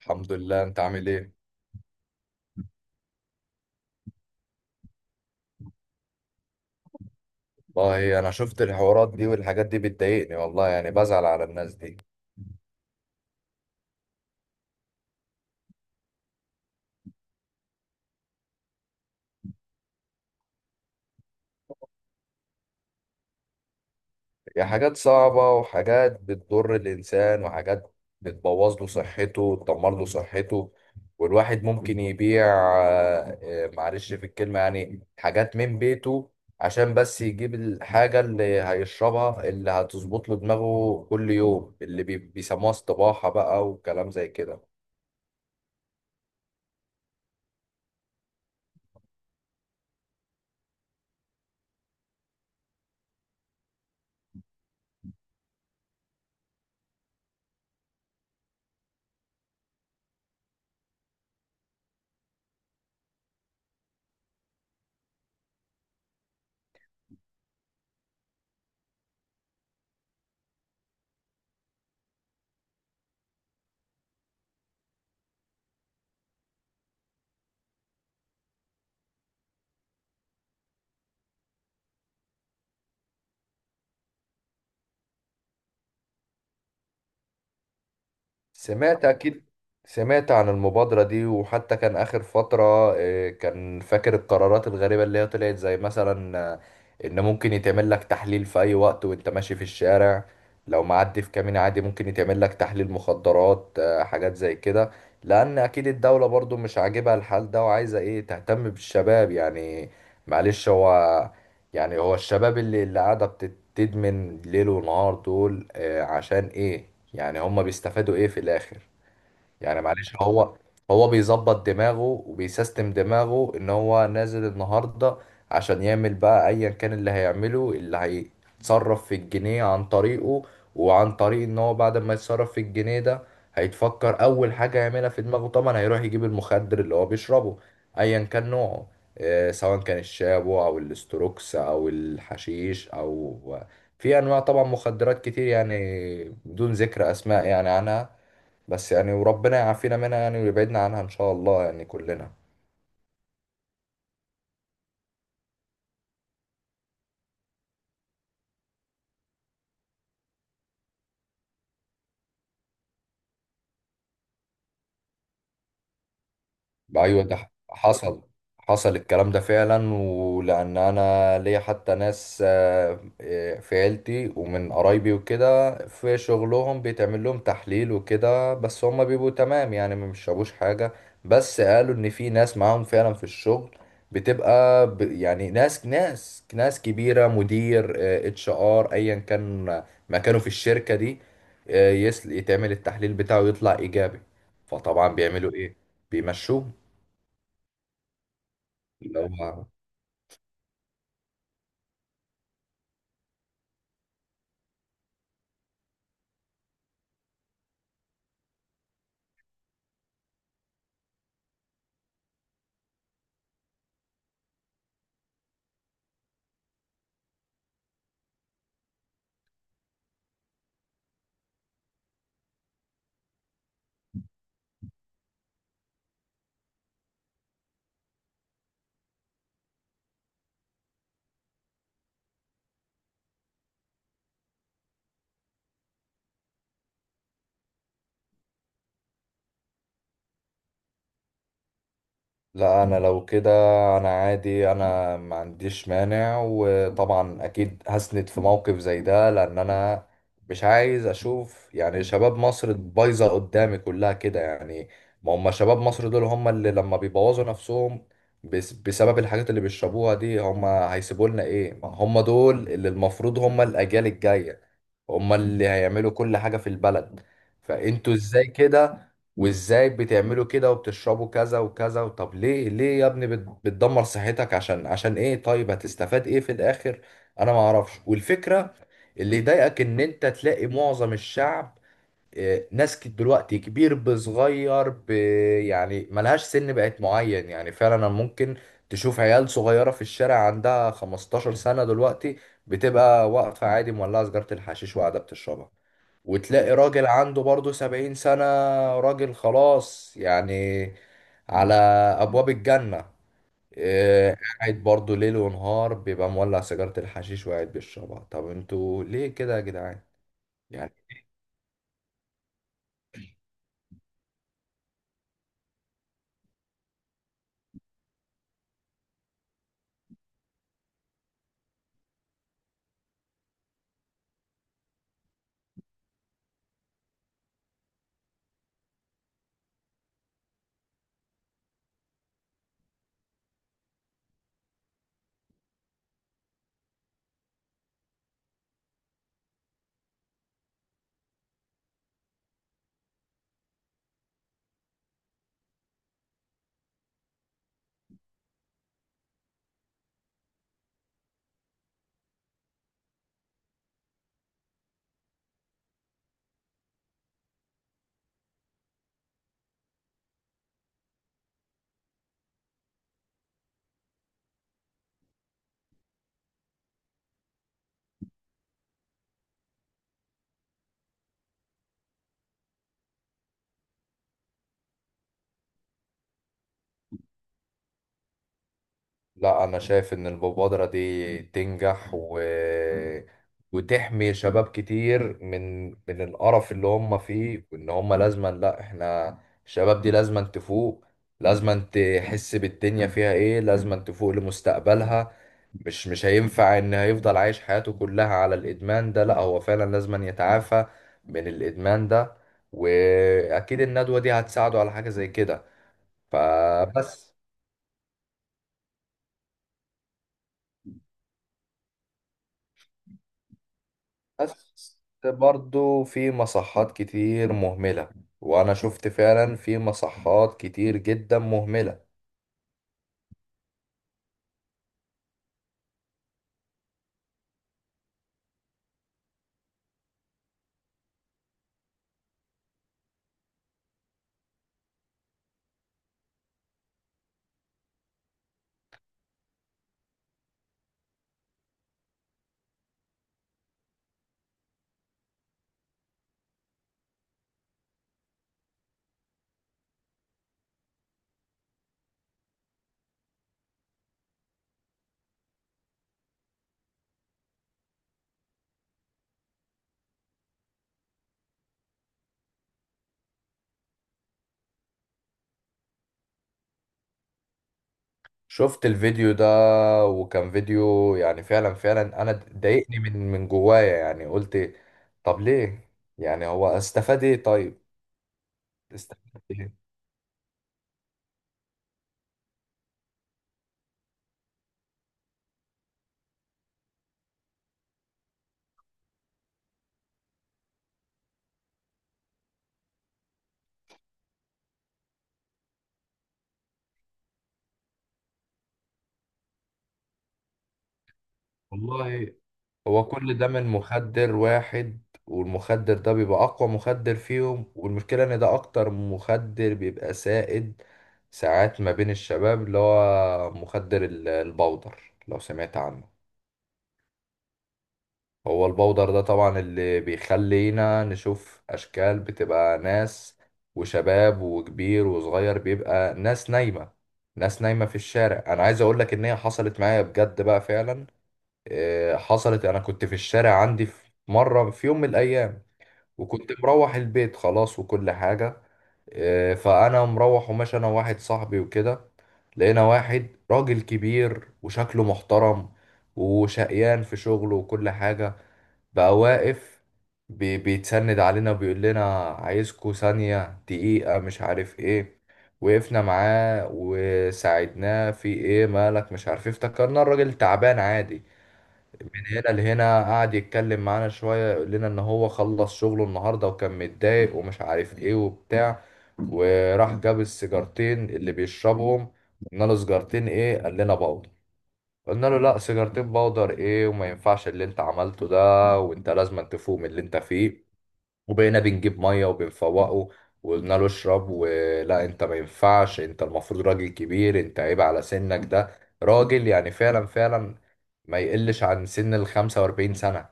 الحمد لله، انت عامل ايه؟ والله انا شفت الحوارات دي والحاجات دي بتضايقني، والله يعني بزعل على الناس دي. هي حاجات صعبة وحاجات بتضر الانسان وحاجات بتبوظ له صحته وتدمر له صحته. والواحد ممكن يبيع معلش في الكلمة، يعني حاجات من بيته عشان بس يجيب الحاجة اللي هيشربها اللي هتظبط له دماغه كل يوم، اللي بيسموها استباحة بقى وكلام زي كده. سمعت أكيد، سمعت عن المبادرة دي. وحتى كان آخر فترة، كان فاكر القرارات الغريبة اللي هي طلعت زي مثلا، إن ممكن يتعمل لك تحليل في أي وقت وأنت ماشي في الشارع. لو معدي في كمين عادي ممكن يتعمل لك تحليل مخدرات، حاجات زي كده. لأن أكيد الدولة برضو مش عاجبها الحال ده وعايزة إيه، تهتم بالشباب يعني. معلش هو، يعني هو الشباب اللي قاعدة تدمن ليل ونهار دول، عشان ايه؟ يعني هما بيستفادوا ايه في الاخر؟ يعني معلش هو، هو بيظبط دماغه وبيسيستم دماغه ان هو نازل النهارده عشان يعمل بقى ايا كان اللي هيعمله، اللي هيتصرف في الجنيه عن طريقه. وعن طريق ان هو بعد ما يتصرف في الجنيه ده، هيتفكر اول حاجة يعملها في دماغه طبعا هيروح يجيب المخدر اللي هو بيشربه ايا كان نوعه، سواء كان الشابو او الاستروكس او الحشيش او في انواع طبعا مخدرات كتير، يعني بدون ذكر اسماء يعني عنها. بس يعني وربنا يعافينا منها يعني ويبعدنا عنها ان شاء الله يعني كلنا. ايوه ده حصل، حصل الكلام ده فعلا. ولان انا ليا حتى ناس، في عيلتي ومن قرايبي وكده، في شغلهم بيتعمل لهم تحليل وكده، بس هم بيبقوا تمام يعني، ما بيشربوش حاجه. بس قالوا ان في ناس معاهم فعلا في الشغل بتبقى ب يعني ناس كبيره، مدير اتش ار ايا كان مكانه في الشركه دي، يتعمل التحليل بتاعه يطلع ايجابي، فطبعا بيعملوا ايه؟ بيمشوه. اللي هو، لا انا لو كده، انا عادي انا ما عنديش مانع، وطبعا اكيد هسند في موقف زي ده لان انا مش عايز اشوف يعني شباب مصر بايظه قدامي كلها كده يعني. ما هم شباب مصر دول هم اللي لما بيبوظوا نفسهم بس بسبب الحاجات اللي بيشربوها دي، هم هيسيبوا لنا ايه؟ ما هم دول اللي المفروض هم الاجيال الجايه، هم اللي هيعملوا كل حاجه في البلد، فانتوا ازاي كده؟ وازاي بتعملوا كده وبتشربوا كذا وكذا؟ طب ليه ليه يا ابني بتدمر صحتك؟ عشان عشان ايه؟ طيب هتستفاد ايه في الاخر؟ انا ما اعرفش. والفكرة اللي يضايقك ان انت تلاقي معظم الشعب، ناس دلوقتي كبير بصغير يعني ملهاش سن بقت معين يعني. فعلا ممكن تشوف عيال صغيرة في الشارع عندها 15 سنة دلوقتي بتبقى واقفة عادي مولعة سجارة الحشيش وقاعدة بتشربها. وتلاقي راجل عنده برضه سبعين سنة، راجل خلاص يعني، على أبواب الجنة، إيه، قاعد برضه ليل ونهار بيبقى مولع سيجارة الحشيش وقاعد بيشربها. طب انتوا ليه كده يا جدعان؟ يعني لا، انا شايف ان المبادرة دي تنجح وتحمي شباب كتير من من القرف اللي هم فيه. وان هم لازما، لا احنا الشباب دي لازما تفوق، لازما تحس بالدنيا فيها ايه، لازما تفوق لمستقبلها. مش هينفع ان هيفضل عايش حياته كلها على الادمان ده، لا هو فعلا لازما يتعافى من الادمان ده. واكيد الندوة دي هتساعده على حاجة زي كده فبس. بس برضو في مصحات كتير مهملة، وأنا شفت فعلا في مصحات كتير جدا مهملة. شفت الفيديو ده، وكان فيديو يعني فعلا فعلا أنا ضايقني من من جوايا، يعني قلت طب ليه؟ يعني هو استفاد إيه طيب؟ استفاد إيه والله؟ هو كل ده من مخدر واحد، والمخدر ده بيبقى أقوى مخدر فيهم، والمشكلة إن ده أكتر مخدر بيبقى سائد ساعات ما بين الشباب، اللي هو مخدر البودر لو سمعت عنه. هو البودر ده طبعا اللي بيخلينا نشوف أشكال، بتبقى ناس وشباب وكبير وصغير، بيبقى ناس نايمة في الشارع. أنا عايز أقولك إن هي حصلت معايا بجد بقى فعلا، حصلت. انا كنت في الشارع عندي في مره في يوم من الايام، وكنت مروح البيت خلاص وكل حاجه، فانا مروح وماشي انا وواحد صاحبي وكده، لقينا واحد راجل كبير وشكله محترم وشقيان في شغله وكل حاجه، بقى واقف بيتسند علينا بيقول لنا عايزكوا ثانيه دقيقه، مش عارف ايه. وقفنا معاه وساعدناه في ايه، مالك مش عارف إيه. افتكرنا الراجل تعبان عادي. هنا لهنا قعد يتكلم معانا شوية، يقول لنا إن هو خلص شغله النهاردة وكان متضايق ومش عارف إيه وبتاع. وراح جاب السيجارتين اللي بيشربهم. قلنا له سيجارتين إيه؟ قال لنا باودر. قلنا له لأ، سيجارتين باودر إيه؟ وما ينفعش اللي أنت عملته ده، وأنت لازم تفوق من اللي أنت فيه. وبقينا بنجيب ميه وبنفوقه، وقلنا له اشرب، ولا انت ما ينفعش، انت المفروض راجل كبير، انت عيب على سنك ده. راجل يعني فعلا فعلا ما يقلش عن سن ال 45 سنة.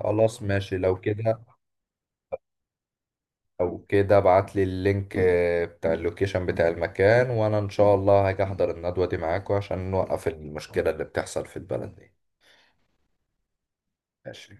خلاص ماشي لو كده، لو كده ابعت لي اللينك، بتاع اللوكيشن بتاع المكان، وانا ان شاء الله هاجي احضر الندوة دي معاكم عشان نوقف المشكلة اللي بتحصل في البلد دي. ماشي.